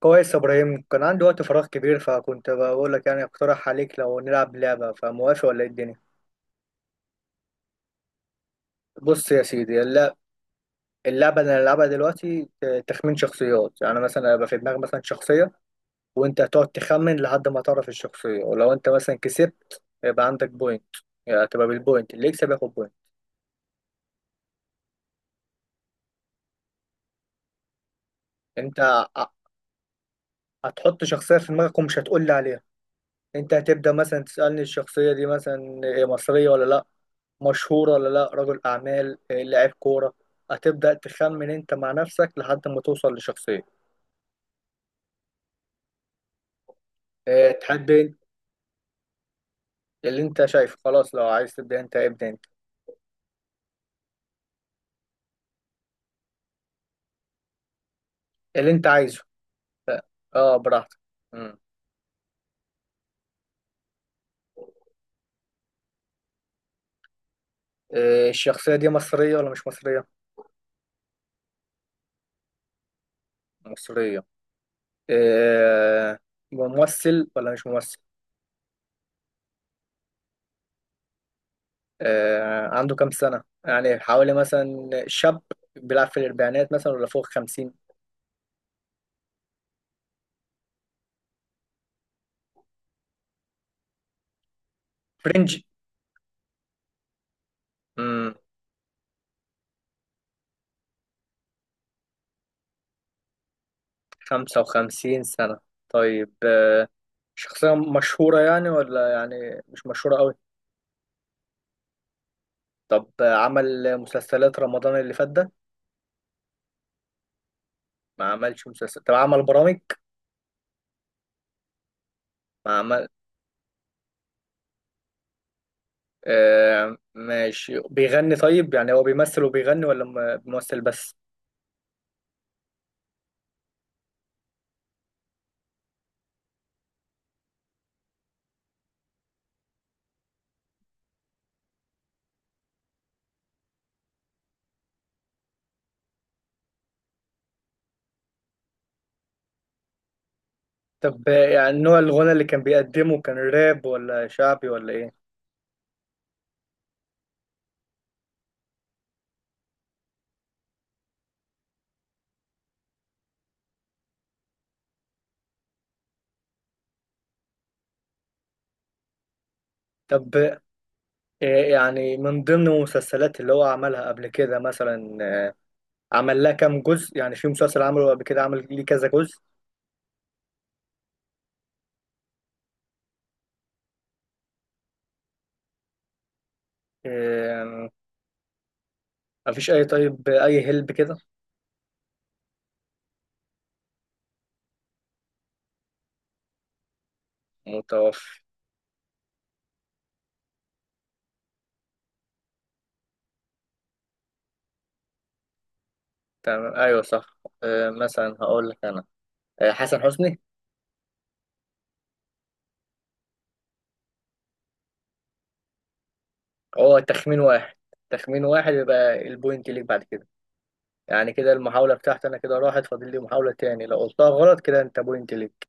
كويس يا ابراهيم، كان عندي وقت فراغ كبير، فكنت بقول لك يعني اقترح عليك لو نلعب لعبه، فموافق ولا ايه الدنيا؟ بص يا سيدي، اللعبه اللي هنلعبها دلوقتي تخمين شخصيات. يعني مثلا هيبقى في دماغك مثلا شخصيه، وانت هتقعد تخمن لحد ما تعرف الشخصيه، ولو انت مثلا كسبت يبقى عندك بوينت. يعني هتبقى بالبوينت، اللي يكسب ياخد بوينت. انت ع- هتحط شخصيه في دماغك ومش هتقول لي عليها. انت هتبدا مثلا تسالني الشخصيه دي مثلا مصريه ولا لا، مشهور ولا لا، رجل أعمال، لاعب كورة. هتبدأ تخمن أنت مع نفسك لحد ما توصل لشخصية. تحب أنت اللي أنت شايفه، خلاص لو عايز تبدأ أنت ابدأ أنت اللي أنت عايزه. أه، براحتك. مم. آه، الشخصية دي مصرية ولا مش مصرية؟ مصرية. آه، ممثل ولا مش ممثل؟ آه، عنده كام سنة؟ يعني حوالي مثلا شاب، بيلعب في الأربعينات مثلا ولا فوق خمسين؟ فرنج. امم خمسة وخمسين سنة، طيب. شخصية مشهورة يعني ولا يعني مش مشهورة قوي؟ طب عمل مسلسلات رمضان اللي فات ده؟ ما عملش مسلسل؟ طب عمل برامج؟ ما عمل. آه ماشي، بيغني طيب؟ يعني هو بيمثل وبيغني ولا بيمثل بس؟ طب يعني نوع الغنى اللي كان بيقدمه كان راب ولا شعبي ولا ايه؟ طب آه، يعني من ضمن المسلسلات اللي هو عملها قبل كده مثلا، عمل لها كام جزء؟ يعني في مسلسل عمله قبل كده عمل ليه كذا جزء؟ آه، مفيش اي. طيب اي هلب كده. متوفي. تمام، ايوه صح. آه، مثلا هقول لك انا، آه، حسن حسني. هو تخمين واحد. تخمين واحد يبقى البوينت ليك بعد كده. يعني كده المحاولة بتاعتي انا كده راحت، فاضل لي محاولة تاني، لو قلتها غلط كده انت بوينت ليك.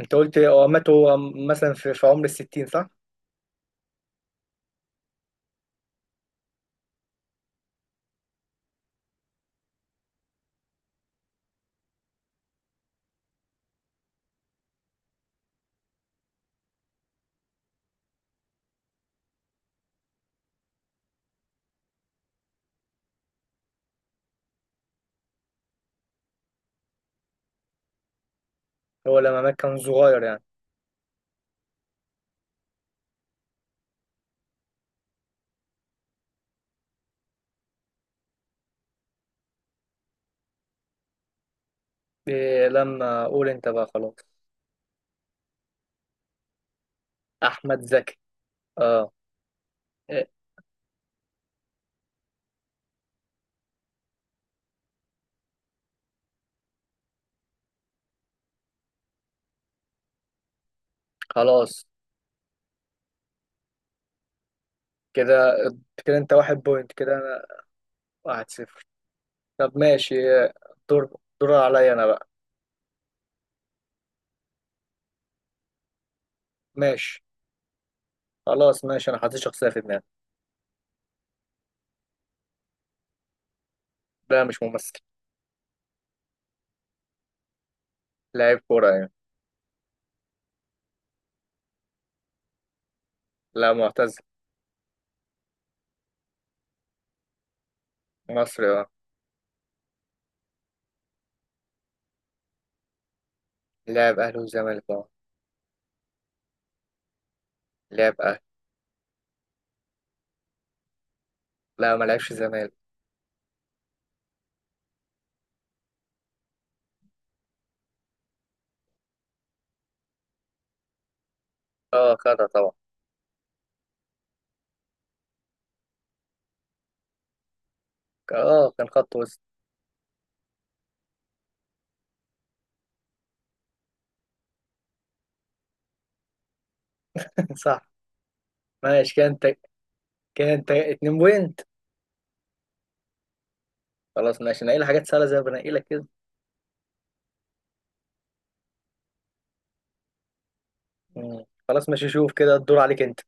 انت قلت هو مات، هو مثلا في، عمر الستين صح؟ هو لما مات كان صغير يعني؟ إيه لما اقول انت بقى. خلاص، احمد زكي. اه. إيه. خلاص كده، كده انت واحد بوينت، كده انا واحد صفر. طب ماشي. آه، دور عليا انا بقى. ماشي. خلاص ماشي، انا حاطط شخصيه في دماغي. لا مش ممثل. لاعب كوره يعني. لا معتزل. مصري اه. لاعب اهلي وزمالك اه. لاعب اهلي. لا ما لعبش زمالك. اه خدها طبعا. اه كان خط وسط. صح. ماشي كان انت اتنين بوينت. خلاص ماشي، نقي لي حاجات سهله زي ما بنقي لك كده. مم. خلاص ماشي، شوف كده الدور عليك انت.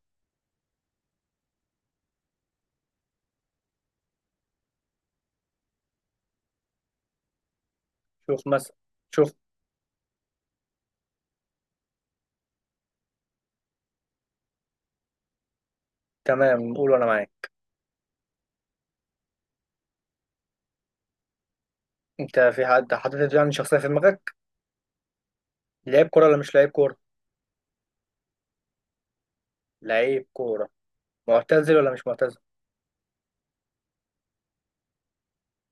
شوف مثلا، شوف. تمام، قول وانا معاك. انت في حد حاطط يعني شخصيه في دماغك؟ لعيب كوره ولا مش لعيب كوره؟ لعيب كوره. معتزل ولا مش معتزل؟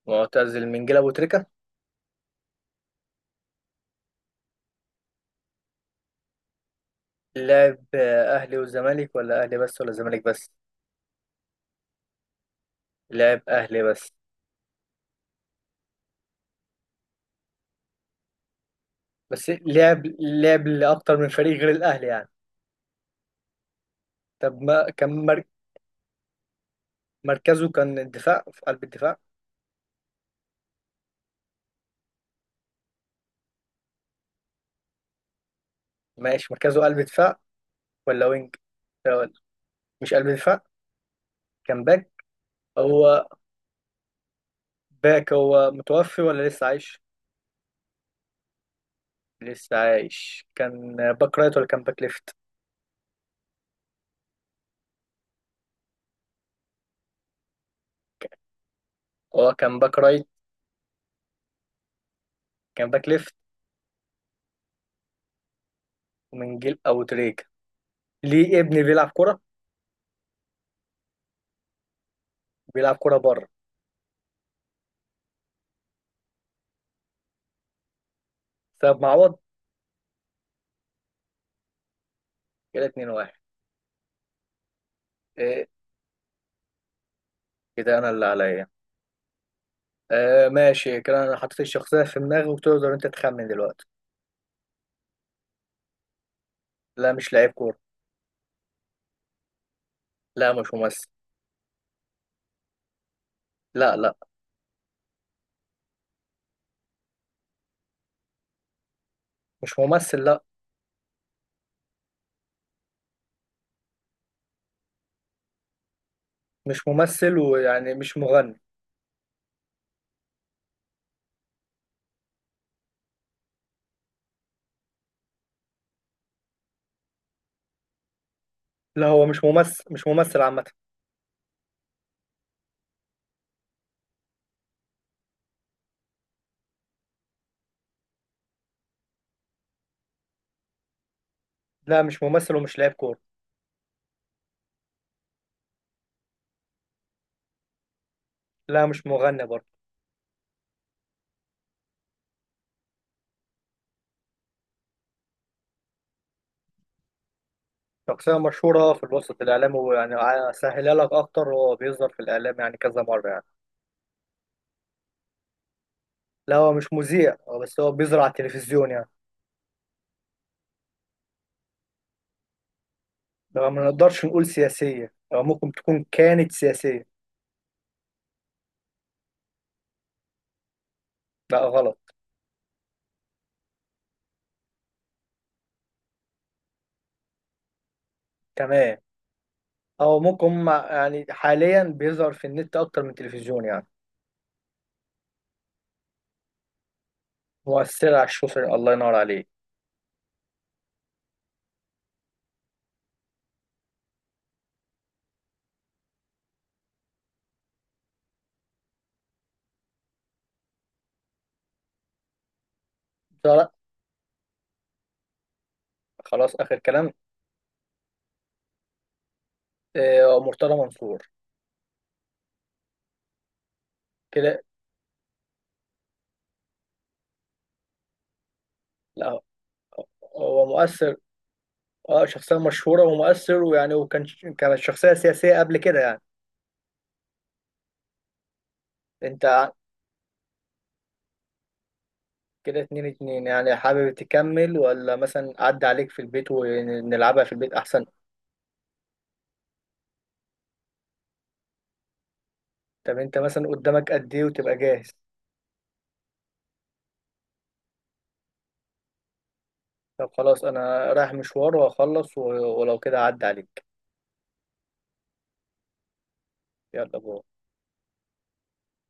معتزل من جيل ابو تريكه. لعب اهلي والزمالك ولا اهلي بس ولا زمالك بس؟ لعب اهلي بس. بس لعب، لعب لاكتر من فريق غير الاهلي يعني؟ طب ما كان مر... مركزه كان الدفاع، في قلب الدفاع. ماشي مركزه قلب دفاع ولا وينج؟ لا، ولا- مش قلب دفاع، كان باك. هو باك. هو متوفي ولا لسه عايش؟ لسه عايش. كان باك رايت ولا كان باك ليفت؟ هو كان باك رايت. كان باك ليفت. من جيل او تريكة. ليه ابني بيلعب كرة؟ بيلعب كرة بره. طب معوض. كده 2-1. كده انا اللي عليا. آه ماشي، كده انا حطيت الشخصية في دماغي وتقدر انت تخمن دلوقتي. لا مش لعيب كورة. لا مش ممثل. لا لا. مش ممثل. لا مش ممثل ويعني مش مغني. لا هو مش ممثل، مش ممثل عامة. لا مش ممثل ومش لعيب كورة. لا مش مغني برضه. شخصية مشهورة في الوسط الإعلامي ويعني، أسهلها لك أكتر، هو بيظهر في الإعلام يعني كذا مرة يعني. لا هو مش مذيع، هو بيظهر على التلفزيون يعني. لا ما نقدرش نقول سياسية، هو ممكن تكون كانت سياسية. لا غلط. تمام، او ممكن هم يعني حاليا بيظهر في النت اكتر من التلفزيون يعني. مؤثر على الشوشر، الله ينور عليه. ده خلاص اخر كلام. آه، مرتضى منصور. كده لا، هو مؤثر. اه شخصية مشهورة ومؤثر، ويعني وكان، كانت شخصية سياسية قبل كده يعني. انت. كده اتنين اتنين، يعني حابب تكمل ولا مثلا عدى عليك في البيت ونلعبها في البيت احسن؟ طب انت مثلا قدامك قد ايه وتبقى جاهز؟ طب خلاص انا رايح مشوار وهخلص، ولو كده عدى عليك. يلا بو